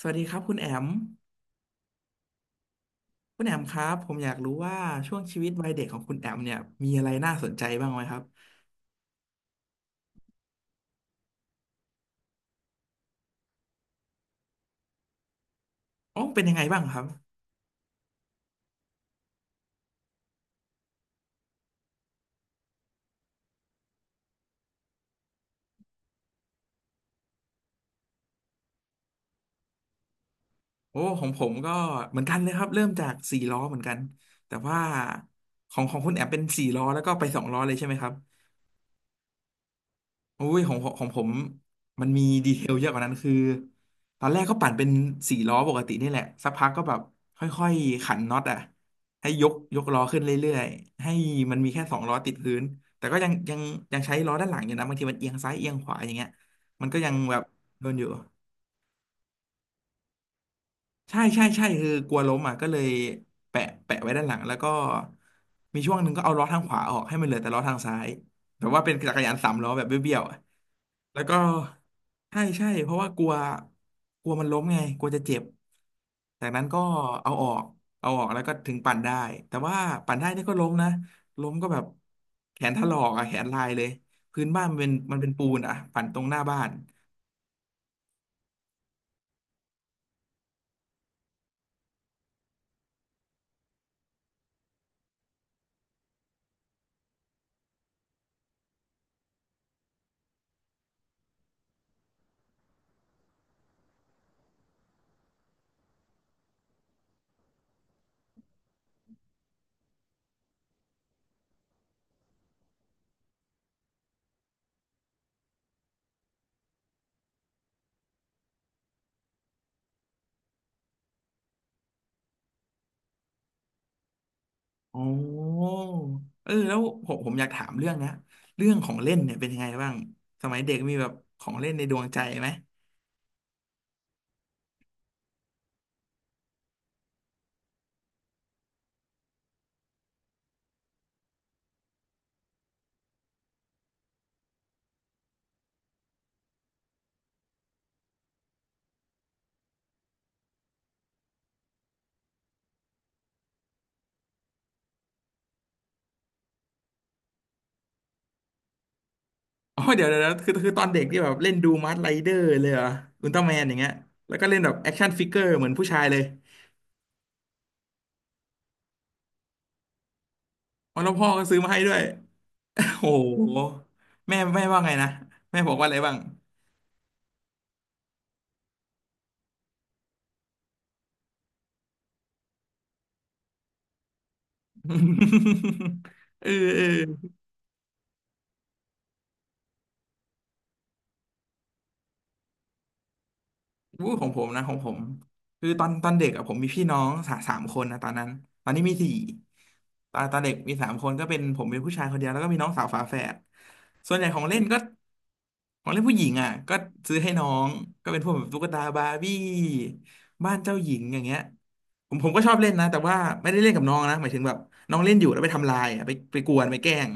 สวัสดีครับคุณแอมคุณแอมครับผมอยากรู้ว่าช่วงชีวิตวัยเด็กของคุณแอมเนี่ยมีอะไรน่าสนใจบ้างไหมครับอ๋อเป็นยังไงบ้างครับโอ้ของผมก็เหมือนกันเลยครับเริ่มจากสี่ล้อเหมือนกันแต่ว่าของคุณแอมเป็นสี่ล้อแล้วก็ไปสองล้อเลยใช่ไหมครับ อุ้ยของผมมันมีดีเทลเยอะกว่านั้นคือตอนแรกก็ปั่นเป็นสี่ล้อปกตินี่แหละสักพักก็แบบค่อยๆขันน็อตอ่ะให้ยกล้อขึ้นเรื่อยๆให้มันมีแค่สองล้อติดพื้นแต่ก็ยังใช้ล้อด้านหลังอยู่นะบางทีมันเอียงซ้ายเอียงขวาอย่างเงี้ยมันก็ยังแบบโดนอยู่ ใช่ใช่ใช่คือกลัวล้มอ่ะก็เลยแปะแปะไว้ด้านหลังแล้วก็มีช่วงหนึ่งก็เอาล้อทางขวาออกให้มันเหลือแต่ล้อทางซ้ายแบบว่าเป็นจักรยานสามล้อแบบเบี้ยวๆอะแล้วก็ใช่ใช่เพราะว่ากลัวกลัวมันล้มไงกลัวจะเจ็บจากนั้นก็เอาออกแล้วก็ถึงปั่นได้แต่ว่าปั่นได้นี่ก็ล้มนะล้มก็แบบแขนถลอกอ่ะแขนลายเลยพื้นบ้านมันเป็นปูนอ่ะปั่นตรงหน้าบ้าน อ๋อเออแล้วผมอยากถามเรื่องนะเรื่องของเล่นเนี่ยเป็นยังไงบ้างสมัยเด็กมีแบบของเล่นในดวงใจไหมอ๋อเดี๋ยวคือตอนเด็กที่แบบเล่นดูมาร์ไรเดอร์เลยเหรออุลตร้าแมนอย่างเงี้ยแล้วก็เล่นแบบแอคชั่นฟิกเกอร์เหมือนผู้ชายเลยอ๋อแล้วพ่อก็ซื้อมาให้ด้วยโอ้โหแม่ว่าไงนะแม่บอกว่าอะไรบ้าง เออเออ วู้ของผมนะของผมคือตอนเด็กอะผมมีพี่น้องสาสามคนนะตอนนั้นตอนนี้มีสี่ตอนเด็กมีสามคนก็เป็นผมเป็นผู้ชายคนเดียวแล้วก็มีน้องสาวฝาแฝดส่วนใหญ่ของเล่นก็ของเล่นผู้หญิงอ่ะก็ซื้อให้น้องก็เป็นพวกแบบตุ๊กตาบาร์บี้บ้านเจ้าหญิงอย่างเงี้ยผมก็ชอบเล่นนะแต่ว่าไม่ได้เล่นกับน้องนะหมายถึงแบบน้องเล่นอยู่แล้วไปทำลายอะไปกวนไปแกล้ง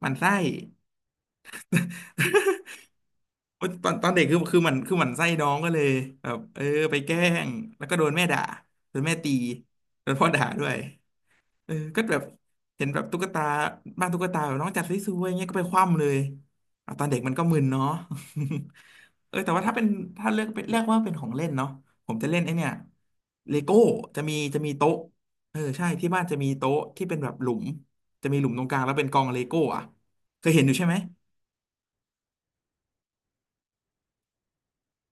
หมันไส้ โอ๊ยตอนเด็กคือมันไส้น้องก็เลยแบบเออไปแกล้งแล้วก็โดนแม่ด่าโดนแม่ตีโดนพ่อด่าด้วยเออก็แบบเห็นแบบตุ๊กตาบ้านตุ๊กตาแบบน้องจัดสวยๆอย่างเงี้ยก็ไปคว่ำเลยอ่ะตอนเด็กมันก็มึนเนาะ เออแต่ว่าถ้าเป็นถ้าเลือกเป็นเรียกว่าเป็นของเล่นเนาะผมจะเล่นไอเนี่ยเลโก้จะมีโต๊ะเออใช่ที่บ้านจะมีโต๊ะที่เป็นแบบหลุมจะมีหลุมตรงกลางแล้วเป็นกองเลโก้อะเคยเห็นอยู่ใช่ไหม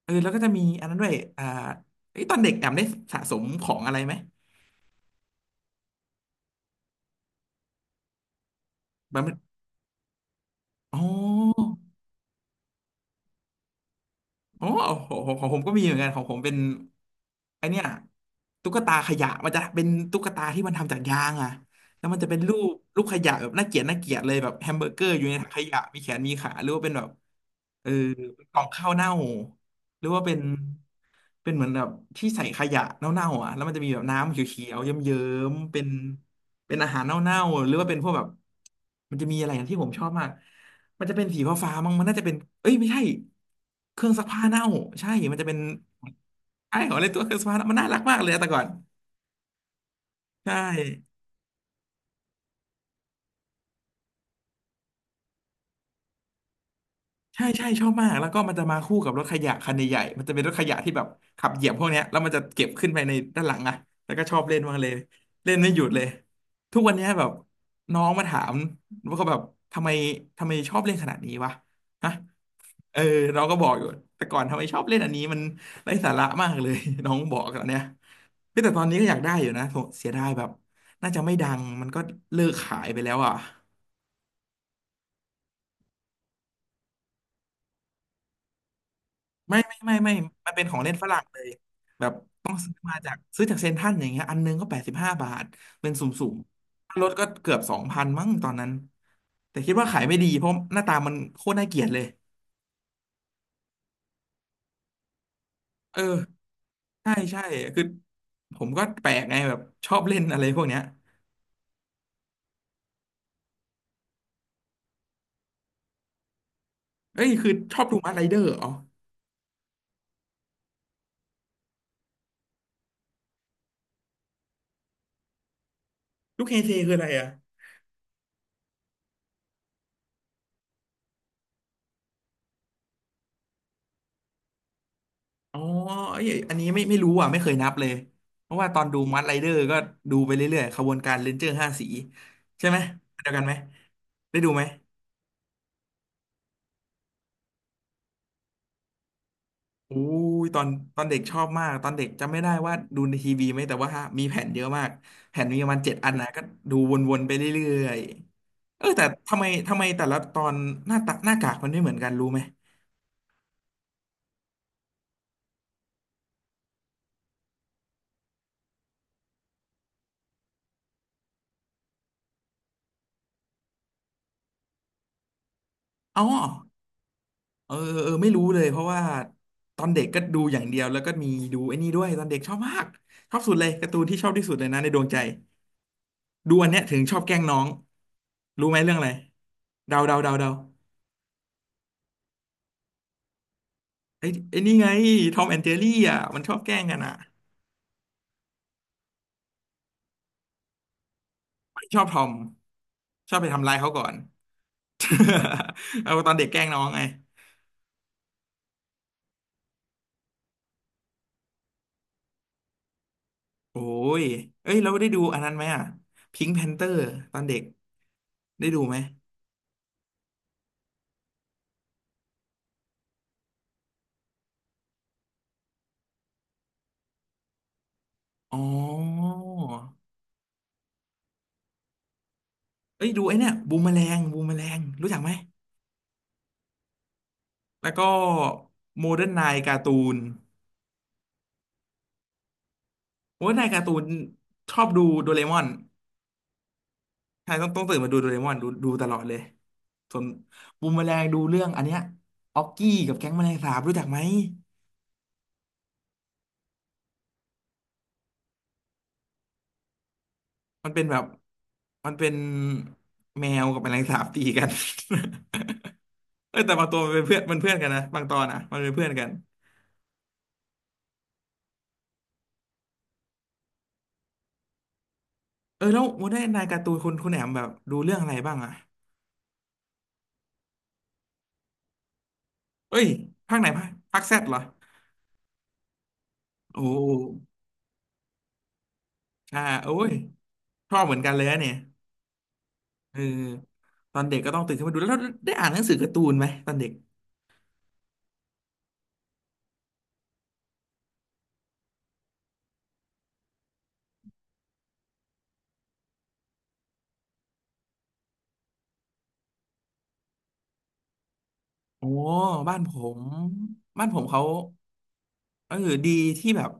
เออแล้วก็จะมีอันนั้นด้วยอ่าเอ้ยตอนเด็กแอมได้สะสมของอะไรไหมแบบมันอ๋ออ๋อของผมก็มีเหมือนกันของผมเป็นไอเนี้ยตุ๊กตาขยะมันจะเป็นตุ๊กตาที่มันทำจากยางอ่ะแล้วมันจะเป็นรูปขยะแบบน่าเกลียดน่าเกลียดเลยแบบแฮมเบอร์เกอร์อยู่ในถังขยะมีแขนมีขาหรือว่าเป็นแบบเออกล่องข้าวเน่าหรือว่าเป็น เป็นเหมือนแบบที่ใส่ขยะเน่าๆอ่ะแล้วมันจะมีแบบน้ำเขียวๆเยิ้มๆเป็นอาหารเน่าๆหรือว่าเป็นพวกแบบมันจะมีอะไรอย่างที่ผมชอบมากมันจะเป็นสีฟ้าๆมั้งมันน่าจะเป็นเอ้ยไม่ใช่เครื่องซักผ้าเน่าใช่มันจะเป็นไอ้ของอะไรตัวเครื่องซักผ้าเน่ามันน่ารักมากเลยอะแต่ก่อนใช่ ใช่ใช่ชอบมากแล้วก็มันจะมาคู่กับรถขยะคันใหญ่ๆมันจะเป็นรถขยะที่แบบขับเหยียบพวกเนี้ยแล้วมันจะเก็บขึ้นไปในด้านหลังอะแล้วก็ชอบเล่นมากเลยเล่นไม่หยุดเลยทุกวันเนี้ยแบบน้องมาถามว่าเขาแบบทำไมทำไมชอบเล่นขนาดนี้วะฮะเออเราก็บอกอยู่แต่ก่อนทำไมชอบเล่นอันนี้มันไร้สาระมากเลย น้องบอกตอนเนี้ยเฮ้ยแต่ตอนนี้ก็อยากได้อยู่นะโถเสียดายแบบน่าจะไม่ดังมันก็เลิกขายไปแล้วอ่ะ ไม่ มันเป็นของเล่นฝรั่งเลยแบบต้องซื้อจากเซ็นทรัลอย่างเงี้ยอันนึงก็85 บาท เป็นสุ่มๆถ้ารถก็เกือบ2,000มั้งตอนนั้น แต่คิดว่าขายไม่ดีเพราะหน้าตามันโคตรน่าเกลียดเลย เออ ใช่ใช่คือผมก็แปลกไงแบบชอบเล่นอะไรพวกเนี้ยเอ้ยคือชอบดูมาร์ไรเดอร์อ๋อลูกเฮเซคืออะไรอ่ะ อ๋อเอ้ยอันนี้ไม่รู้อ่ะไม่เคยนับเลยเพราะว่าตอนดูมัดไรเดอร์ก็ดูไปเรื่อยๆขบวนการเรนเจอร์ห้าสีใช่ไหมเดียวกันไหมได้ดูไหมอู้ยตอนเด็กชอบมากตอนเด็กจำไม่ได้ว่าดูในทีวีไหมแต่ว่ามีแผ่นเยอะมากแผ่นมีประมาณ7อันนะก็ดูวนๆไปเรื่อยๆเออแต่ทำไมแต่ละตอนหน้าตาหน้ากากมันไม่เหมือนกันรู้ไหมอ๋อ เออเออไม่รู้เลยเพราะว่าตอนเด็กก็ดูอย่างเดียวแล้วก็มีดูไอ้นี่ด้วยตอนเด็กชอบมากชอบสุดเลยการ์ตูนที่ชอบที่สุดเลยนะในดวงใจดูอันเนี้ยถึงชอบแกล้งน้องรู้ไหมเรื่องอะไรเดาเดาเดาเดาไอ้นี่ไงทอมแอนเจลี่อ่ะมันชอบแกล้งกันอ่ะมันชอบทอมชอบไปทำร้ายเขาก่อน เอาตอนเด็กแกล้งน้องไงโอ้ยเอ้ยเราได้ดูอันนั้นไหมอ่ะพิงค์แพนเตอร์ตอนเด็กได้ดูไหมอ๋อ เอ้ยดูไอ้เนี่ยบูมแมลงบูมแมลงรู้จักไหมแล้วก็โมเดิร์นไนน์การ์ตูนโมเดิร์นไนน์การ์ตูนชอบดูโดเรมอนใช่ต้องตื่นมาดูโดเรมอนดูดูตลอดเลยส่วนบูมแมลงดูเรื่องอันเนี้ยออกกี้กับแก๊งแมลงสาบรู้จักไหมมันเป็นแบบมันเป็นแมวกับแมลงสาบตีกัน เออแต่บางตัวมันเป็นเพื่อนมันเพื่อนกันนะบางตอนนะมันเป็นเพื่อนกันเออแล้วโมเดิร์นไนน์การ์ตูนคุณแหนมแบบดูเรื่องอะไรบ้างอะเอ้ยภาคไหนภาคแซดเหรอ โอ้อ่าโอ้ยชอบเหมือนกันเลยอะเนี่ยเออตอนเด็กก็ต้องตื่นขึ้นมาดูแล้วได้อ่านหนังสือการ์ตูนไหมตอนเด็กโอ้บ้านผมบ้านผมเขาเออดีที่แบบ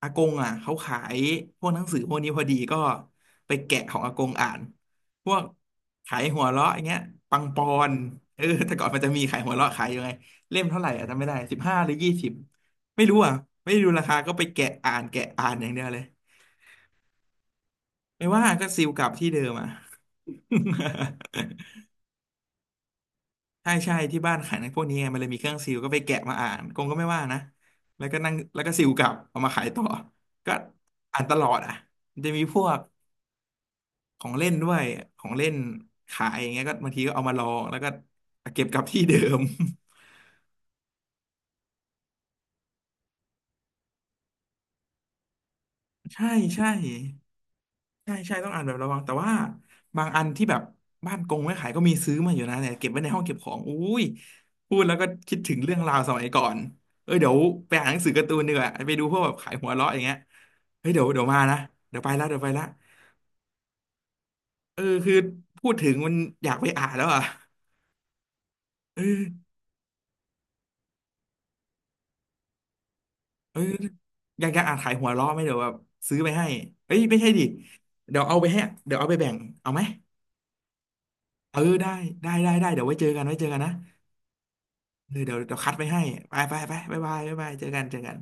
อากงอ่ะเขาขายพวกหนังสือพวกนี้พอดีก็ไปแกะของอากงอ่านพวกขายหัวเราะอย่างเงี้ยปังปอนเออแต่ก่อนมันจะมีขายหัวเราะขายอยู่ไงเล่มเท่าไหร่อ่ะจำไม่ได้15หรือ20ไม่รู้อ่ะไม่ได้ดูราคาก็ไปแกะอ่านแกะอ่านอย่างเดียวเลย ไม่ว่าก็ซิลกลับที่เดิมอ่ะ ใช่ใช่ที่บ้านขายหนังพวกนี้ไงมันเลยมีเครื่องซิลก็ไปแกะมาอ่านกงก็ไม่ว่านะแล้วก็นั่งแล้วก็ซิลกลับเอามาขายต่อก็อ่านตลอดอ่ะมันจะมีพวกของเล่นด้วยของเล่นขายอย่างเงี้ยก็บางทีก็เอามาลองแล้วก็เก็บกลับที่เดิม ใช่ใช่ ใช่ใช่ต้องอ่านแบบระวังแต่ว่าบางอันที่แบบบ้านกงไม่ขายก็มีซื้อมาอยู่นะเนี่ยเก็บไว้ในห้องเก็บของอุ้ยพูดแล้วก็คิดถึงเรื่องราวสมัยก่อนเอ้ยเดี๋ยวไปอ่านหนังสือการ์ตูนดีกว่าไปดูพวกแบบขายหัวเราะอย่างเงี้ยเฮ้ยเดี๋ยวเดี๋ยวมานะเดี๋ยวไปละเดี๋ยวไปละเออคือพูดถึงมันอยากไปอ่านแล้วอ่ะเออเอออยากจะอ่านขายหัวเราะไหมเดี๋ยวแบบซื้อไปให้เอ้ยไม่ใช่ดิเดี๋ยวเอาไปให้เดี๋ยวเอาไปแบ่งเอาไหมเออได้ได้ได้ได้เดี๋ยวไว้เจอกันไว้เจอกันนะ เออเดี๋ยวเดี๋ยวคัดไปให้ไปไปไปบายบายบายบายเจอกันเจอกัน